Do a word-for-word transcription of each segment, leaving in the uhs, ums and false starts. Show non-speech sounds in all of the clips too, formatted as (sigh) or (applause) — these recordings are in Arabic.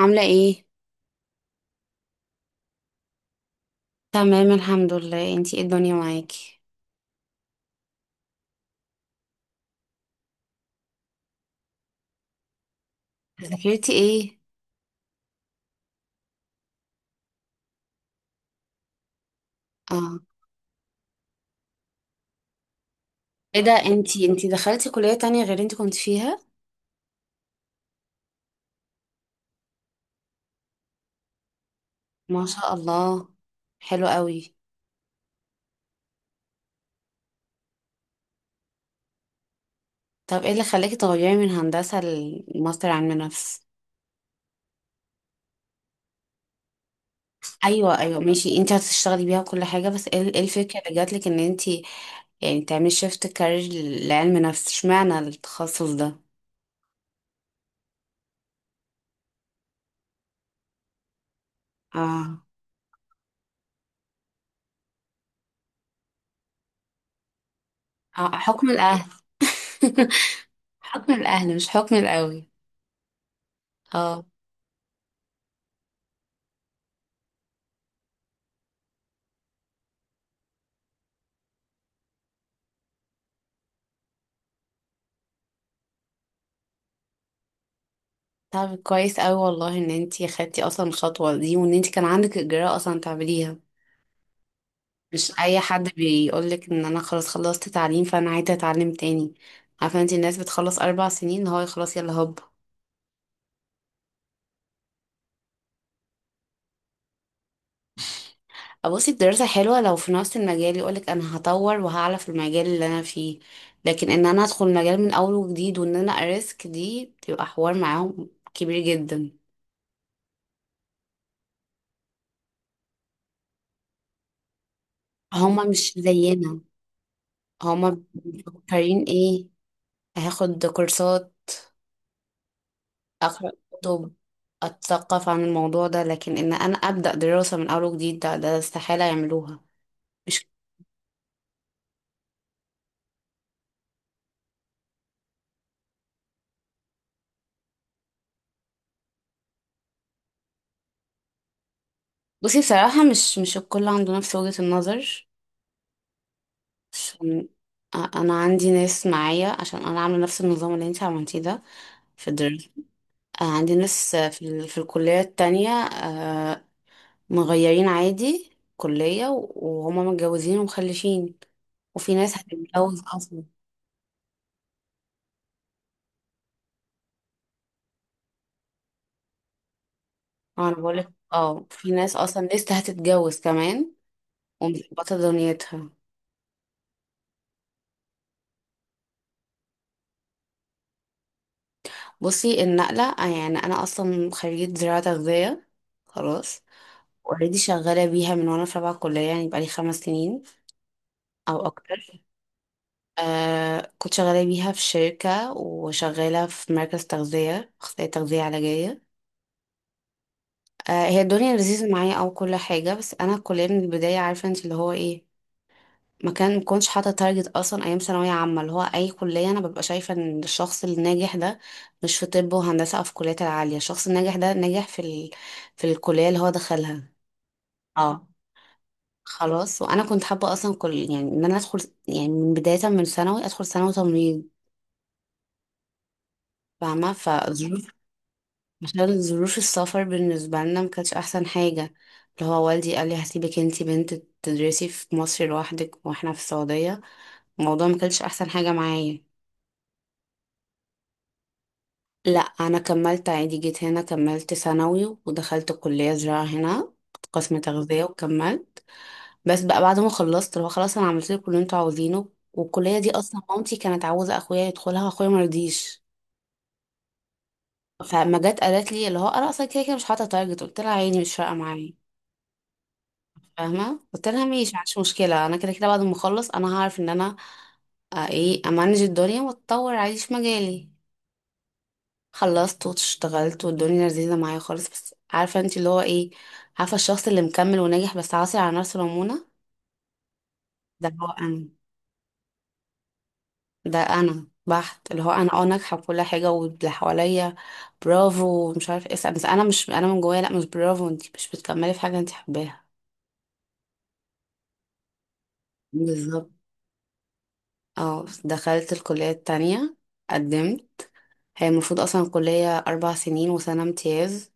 عاملة ايه؟ تمام الحمد لله، انتي ايه الدنيا معاكي؟ ذاكرتي ايه؟ اه، ايه ده، انتي انتي دخلتي كلية تانية غير اللي انتي كنت فيها؟ ما شاء الله. حلو قوي. طب ايه اللي خلاكي تغيري من هندسة لماستر علم نفس؟ ايوه، ايوه، ماشي. انتي هتشتغلي بيها كل حاجة، بس ايه ايه الفكرة اللي جاتلك ان انتي يعني تعملي شيفت كارير لعلم نفس؟ اشمعنى التخصص ده؟ اه. اه، حكم الاهل. (laughs) حكم الاهل مش حكم القوي. اه، طب كويس أوي والله ان انتي خدتي اصلا الخطوة دي، وان انتي كان عندك اجراء اصلا تعمليها. مش اي حد بيقولك ان انا خلاص خلصت تعليم، فانا عايزة اتعلم تاني. عارفة انتي، الناس بتخلص اربع سنين هو خلاص، يلا هوب. بصي، الدراسة حلوة لو في نفس المجال، يقولك انا هطور وهعلى في المجال اللي انا فيه. لكن ان انا ادخل مجال من اول وجديد وان انا اريسك، دي بتبقى حوار معاهم كبير جدا. هما مش زينا. هما مفكرين ايه؟ هاخد كورسات، أقرأ كتب، أتثقف عن الموضوع ده. لكن إن أنا أبدأ دراسة من أول وجديد، ده، ده استحالة يعملوها. مش بصي، بصراحة مش مش الكل عنده نفس وجهة النظر. عشان أ- أنا عندي ناس معايا، عشان أنا عاملة نفس النظام اللي أنت عملتيه ده في الدراسة. عندي ناس في, ال... في الكلية التانية، آه، مغيرين عادي كلية، و- وهما متجوزين ومخلفين، وفي ناس هتتجوز أصلا. أه، أنا بقولك، اه في ناس أصلا لسه هتتجوز كمان، ومظبطة دنيتها. بصي النقلة، آه يعني أنا أصلا خريجة زراعة تغذية، خلاص. اوريدي شغالة بيها من وأنا في رابعة كلية، يعني بقالي خمس سنين أو أكتر. آه كنت شغالة بيها في شركة، وشغالة في مركز تغذية، أخصائية تغذية علاجية. آه هي الدنيا لذيذة معايا أو كل حاجة، بس أنا الكلية من البداية عارفة أنت اللي هو إيه، ما كان ما كنتش حاطه تارجت اصلا ايام ثانويه عامه. اللي هو اي كليه، انا ببقى شايفه ان الشخص الناجح ده مش في طب وهندسه او في الكليات العاليه. الشخص الناجح ده ناجح في ال... في الكليه اللي هو دخلها. اه، خلاص. وانا كنت حابه اصلا، كل يعني ان انا ادخل، يعني من بدايه من ثانوي، ادخل ثانوي تمريض، فاهمه، فظروف. عشان ظروف السفر بالنسبه لنا ما كانتش احسن حاجه. اللي هو والدي قال لي هسيبك انتي بنت تدرسي في مصر لوحدك واحنا في السعوديه، الموضوع ما كانش احسن حاجه معايا. لا، انا كملت عادي، جيت هنا كملت ثانوي، ودخلت كلية زراعة هنا قسم تغذية، وكملت. بس بقى بعد ما خلصت، اللي هو خلاص انا عملت لكم اللي انتوا عاوزينه، والكلية دي اصلا مامتي كانت عاوزة اخويا يدخلها واخويا مرضيش. فما جت قالت لي اللي هو انا اصلا كده كده مش حاطة تارجت، قلت لها عيني مش فارقة معايا، فاهمة، قلت لها ماشي، معنديش مشكلة، انا كده كده بعد ما اخلص انا هعرف ان انا، آه، ايه، امانج الدنيا واتطور عادي في مجالي. خلصت واشتغلت والدنيا لذيذة معايا خالص، بس عارفة انت اللي هو ايه، عارفة الشخص اللي مكمل وناجح بس عاصي على نفسه نمونة؟ ده هو انا. ده انا بحت، اللي هو انا اه ناجحة في كل حاجة، واللي حواليا برافو مش عارف ايه، بس انا مش، انا من جوايا لا مش برافو، انت مش بتكملي في حاجة انت حباها. بالظبط. اه، دخلت الكلية التانية، قدمت. هي المفروض اصلا الكلية اربع سنين وسنة امتياز،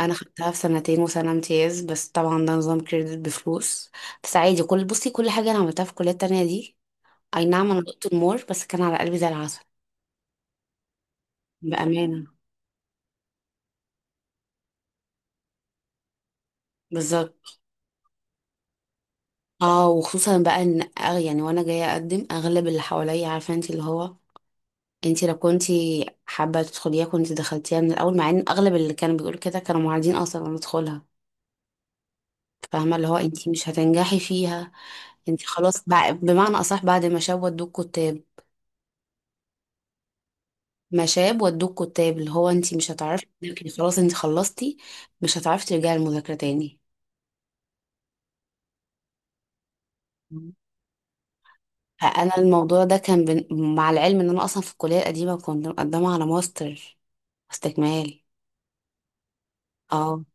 انا خدتها في سنتين وسنه امتياز، بس طبعا ده نظام كريدت بفلوس. بس عادي، كل بصي كل حاجه انا عملتها في الكليه التانية دي، اي نعم انا دقت المور بس كان على قلبي زي العسل، بامانه، بالظبط. اه وخصوصا بقى ان أغ- يعني وانا جايه اقدم، اغلب اللي حواليا عارفه انت اللي هو، انت لو كنتي حابه تدخليها كنت دخلتيها من الاول، مع ان اغلب اللي كانوا بيقولوا كده كانوا معارضين اصلا ان ادخلها. فاهمه، اللي هو انت مش هتنجحي فيها، انت خلاص، بع- بمعنى اصح بعد ما شوت دوك كنت مشاب ودوك كتاب، اللي هو انت مش هتعرفي تذاكري، خلاص انت خلصتي، مش هتعرفي ترجعي المذاكرة تاني. مم. فانا الموضوع ده كان بن... مع العلم ان انا اصلا في الكلية القديمة كنت مقدمة على ماستر استكمال. اه،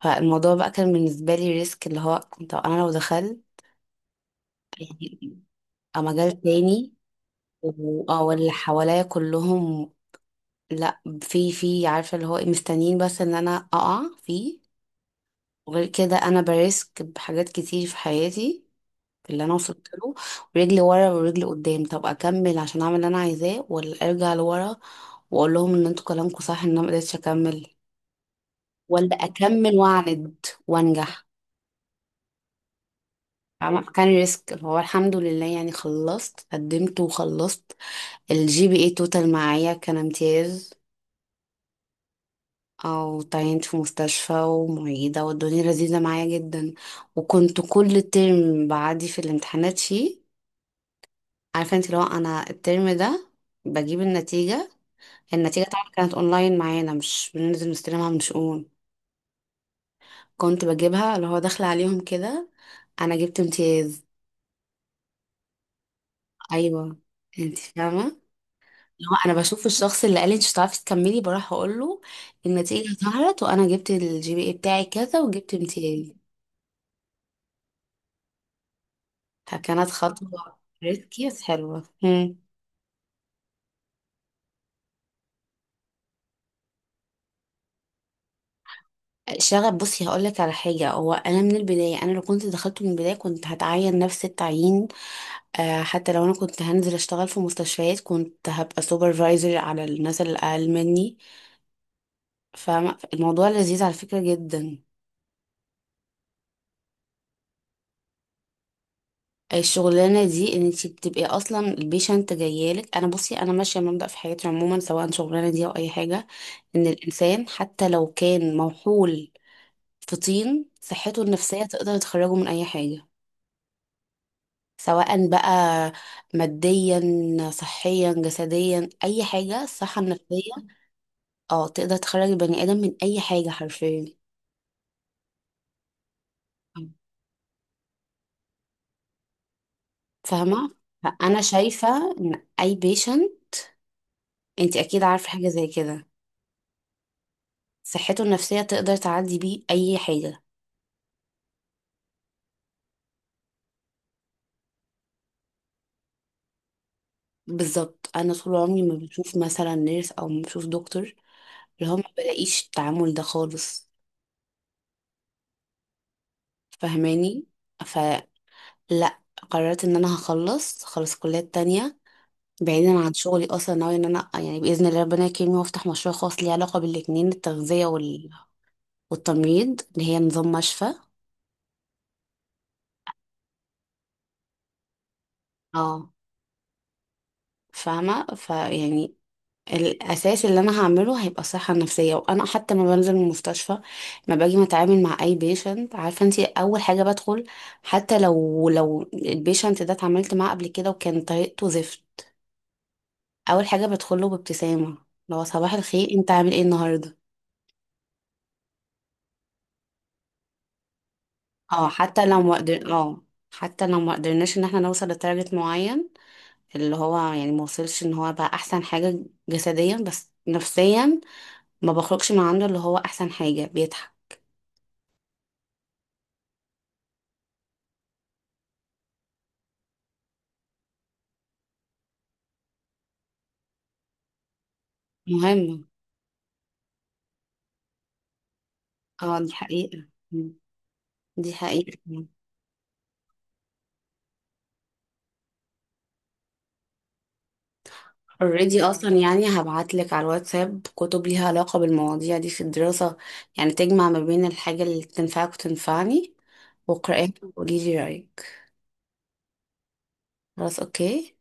فالموضوع بقى كان بالنسبة لي ريسك، اللي هو كنت انا لو دخلت يعني مجال تاني، و- اه، واللي حواليا كلهم لا، في في عارفة اللي هو إيه، مستنيين بس ان انا اقع فيه. وغير كده انا بريسك بحاجات كتير في حياتي اللي انا وصلت له، ورجلي ورا ورجلي قدام. طب اكمل عشان اعمل اللي انا عايزاه، ولا ارجع لورا واقول لهم ان انتوا كلامكم صح، ان انا ما قدرتش اكمل؟ ولا اكمل واعند وانجح؟ فاهمة؟ فكان ريسك، هو الحمد لله يعني خلصت قدمت وخلصت. الجي بي اي توتال معايا كان امتياز. او تعينت في مستشفى ومعيدة والدنيا لذيذة معايا جدا، وكنت كل ترم بعدي في الامتحانات فيه. عارفة انت لو انا الترم ده بجيب النتيجة، النتيجة طبعا كانت اونلاين معانا، مش بننزل نستلمها من شؤون، كنت بجيبها اللي هو داخلة عليهم كده، انا جبت امتياز. ايوه. انت فاهمة؟ اللي هو انا بشوف الشخص اللي قال لي انت مش هتعرفي تكملي، بروح اقول له النتيجة ظهرت، وانا جبت الجي بي اي بتاعي كذا وجبت امتياز. فكانت خطوة ريسكي بس حلوة. مم. شغف، بصي هقول لك على حاجه. هو انا من البدايه، انا لو كنت دخلت من البدايه كنت هتعين نفس التعيين، آه، حتى لو انا كنت هنزل اشتغل في مستشفيات كنت هبقى سوبرفايزر على الناس اللي اقل مني. فالموضوع لذيذ على فكره جدا. الشغلانه دي ان انت بتبقي اصلا البيشنت جايالك، انا بصي انا ماشيه مبدأ في حياتي عموما، سواء شغلانه دي او اي حاجه، ان الانسان حتى لو كان موحول في طين صحته النفسيه تقدر تخرجه من اي حاجه، سواء بقى ماديا، صحيا، جسديا، اي حاجه، الصحه النفسيه اه تقدر تخرج البني ادم من اي حاجه حرفيا. فاهمه؟ انا شايفه ان اي بيشنت انت اكيد عارفه حاجه زي كده، صحته النفسيه تقدر تعدي بيه اي حاجه. بالظبط. انا طول عمري ما بشوف مثلا نيرس او ما بشوف دكتور اللي هو ما بلاقيش التعامل ده خالص، فاهماني؟ فلا، قررت ان انا هخلص خلص كليات تانية بعيدا عن شغلي. اصلا ناوي ان انا يعني باذن الله ربنا يكرمني وافتح مشروع خاص ليه علاقه بالاتنين، التغذيه وال... والتمريض اللي هي نظام مشفى. اه، فاهمه، فيعني الاساس اللي انا هعمله هيبقى الصحه النفسيه، وانا حتى ما بنزل من المستشفى ما باجي متعامل مع اي بيشنت، عارفه انت اول حاجه بدخل، حتى لو لو البيشنت ده اتعاملت معاه قبل كده وكان طريقته زفت، اول حاجه بدخله بابتسامه، لو صباح الخير انت عامل ايه النهارده. اه حتى لو ما قدر اه حتى لو ما قدرناش ان احنا نوصل لتارجت معين، اللي هو يعني ما وصلش ان هو بقى احسن حاجة جسديا، بس نفسيا ما بخرجش من عنده اللي هو احسن حاجة بيتعب. مهم. اه، دي حقيقة. مم. دي حقيقة. اوريدي اصلا يعني هبعتلك على الواتساب كتب ليها علاقة بالمواضيع دي في الدراسة، يعني تجمع ما بين الحاجة اللي تنفعك وتنفعني، واقرأيها وقوليلي رأيك. خلاص، اوكي.